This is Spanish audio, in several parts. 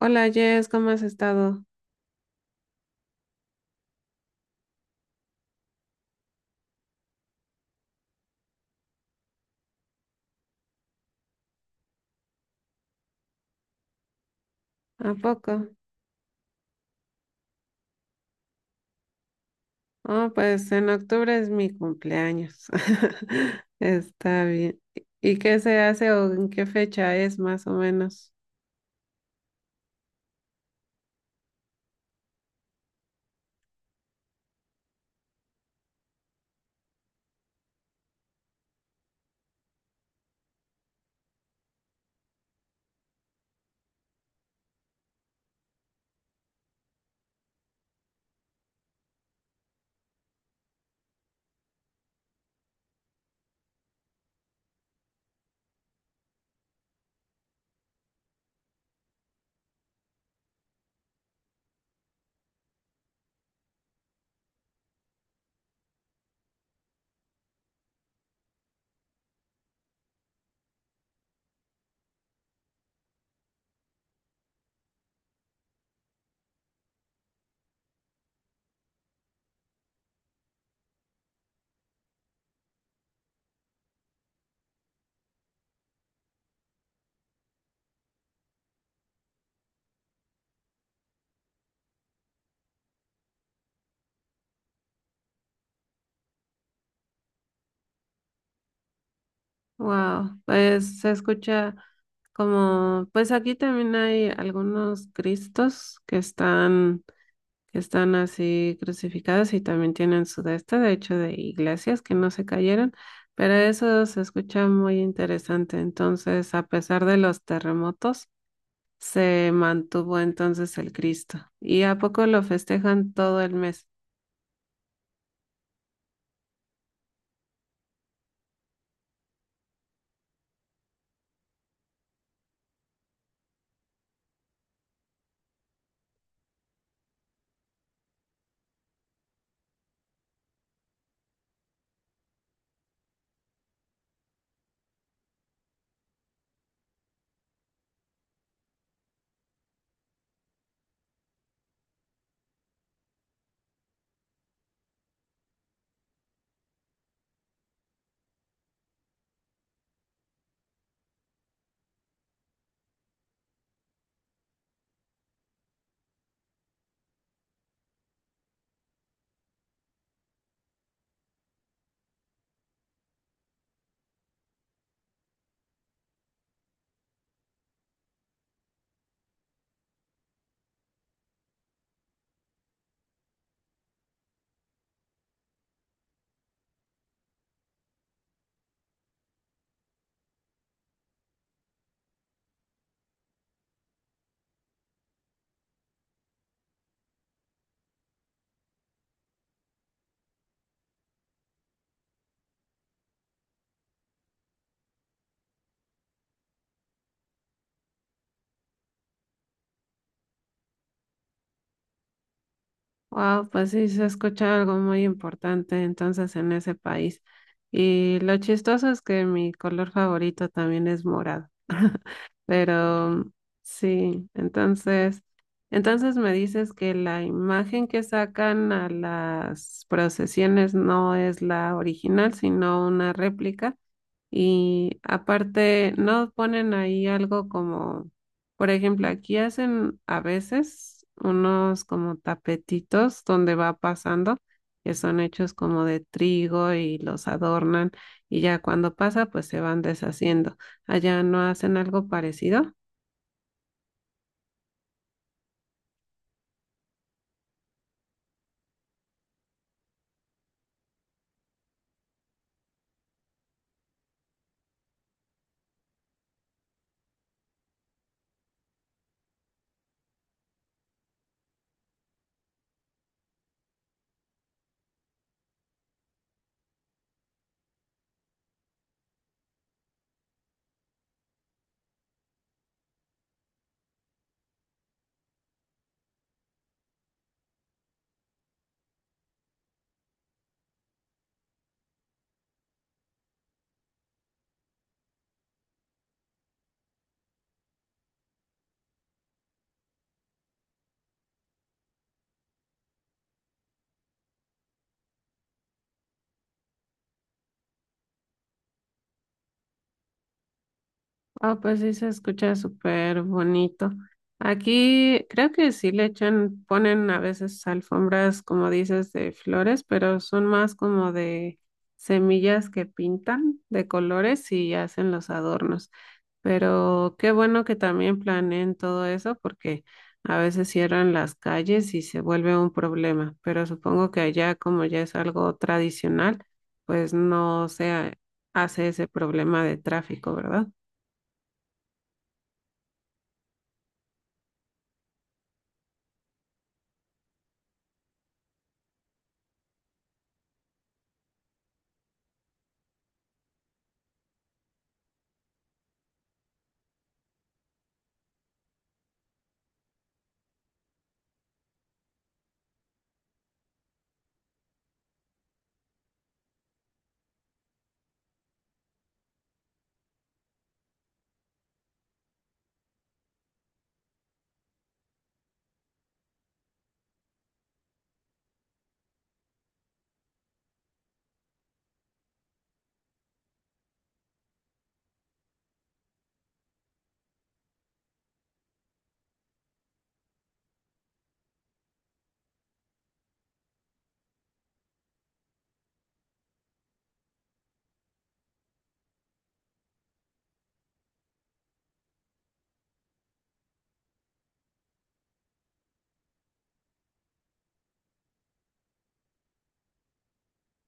Hola, Jess, ¿cómo has estado? ¿A poco? Oh, pues en octubre es mi cumpleaños. Está bien. ¿Y qué se hace o en qué fecha es más o menos? Wow, pues se escucha como, pues aquí también hay algunos cristos que están así crucificados y también tienen su de este, de hecho de iglesias que no se cayeron, pero eso se escucha muy interesante. Entonces, a pesar de los terremotos, se mantuvo entonces el Cristo. ¿Y a poco lo festejan todo el mes? Wow, pues sí, se escucha algo muy importante entonces en ese país. Y lo chistoso es que mi color favorito también es morado. Pero sí, entonces, entonces me dices que la imagen que sacan a las procesiones no es la original, sino una réplica. Y aparte, no ponen ahí algo como, por ejemplo, aquí hacen a veces unos como tapetitos donde va pasando, que son hechos como de trigo y los adornan y ya cuando pasa, pues se van deshaciendo. Allá no hacen algo parecido. Ah, pues sí se escucha súper bonito. Aquí creo que sí le echan, ponen a veces alfombras, como dices, de flores, pero son más como de semillas que pintan de colores y hacen los adornos. Pero qué bueno que también planeen todo eso porque a veces cierran las calles y se vuelve un problema. Pero supongo que allá, como ya es algo tradicional, pues no se hace ese problema de tráfico, ¿verdad?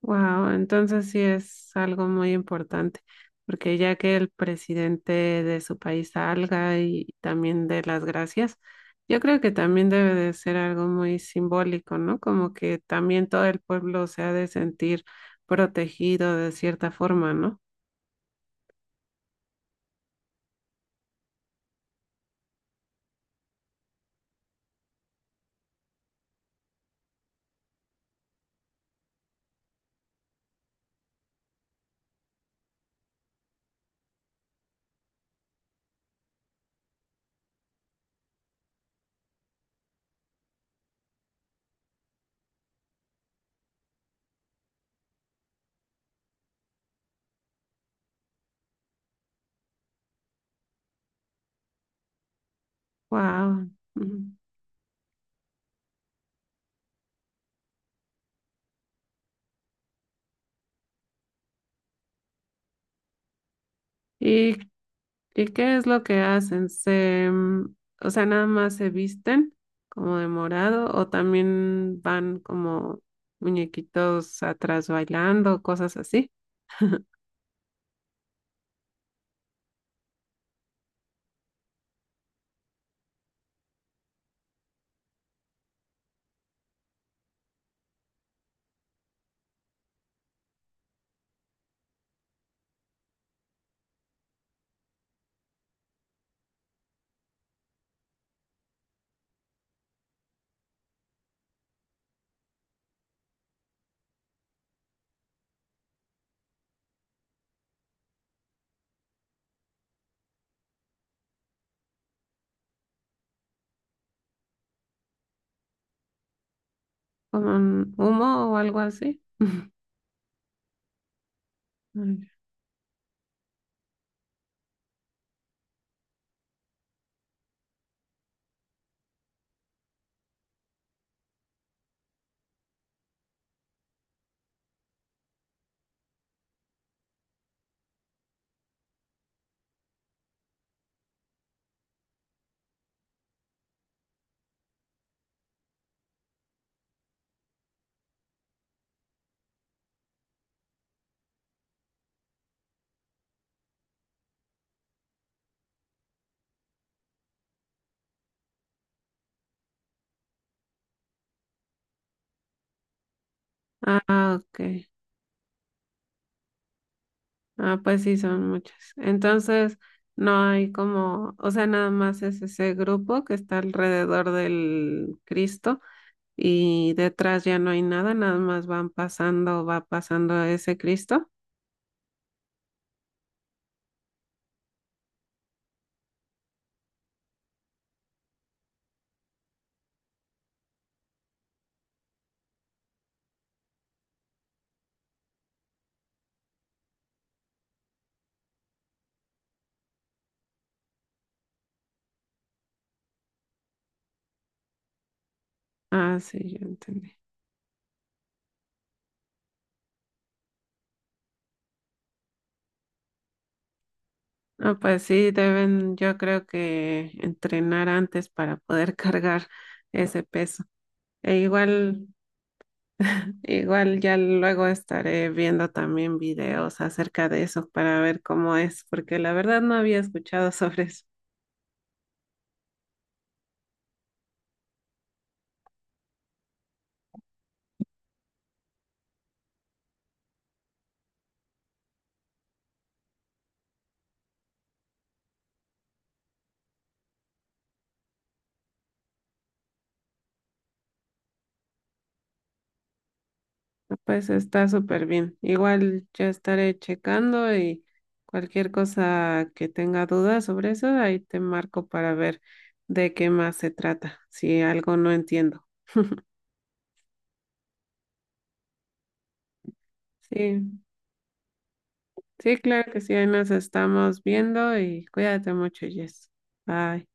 Wow, entonces sí es algo muy importante, porque ya que el presidente de su país salga y también dé las gracias, yo creo que también debe de ser algo muy simbólico, ¿no? Como que también todo el pueblo se ha de sentir protegido de cierta forma, ¿no? Wow. ¿Y ¿y qué es lo que hacen? Se, o sea, nada más se visten como de morado o también van como muñequitos atrás bailando, cosas así, con humo o algo así. Mm. Ah, ok. Ah, pues sí, son muchas. Entonces, no hay como, o sea, nada más es ese grupo que está alrededor del Cristo y detrás ya no hay nada, nada más van pasando, va pasando ese Cristo. Ah, sí, yo entendí. No, pues sí, deben, yo creo que entrenar antes para poder cargar ese peso. E igual, igual ya luego estaré viendo también videos acerca de eso para ver cómo es, porque la verdad no había escuchado sobre eso. No, pues está súper bien. Igual yo estaré checando y cualquier cosa que tenga dudas sobre eso, ahí te marco para ver de qué más se trata, si algo no entiendo. Sí. Sí, claro que sí, ahí nos estamos viendo y cuídate mucho, Jess. Bye.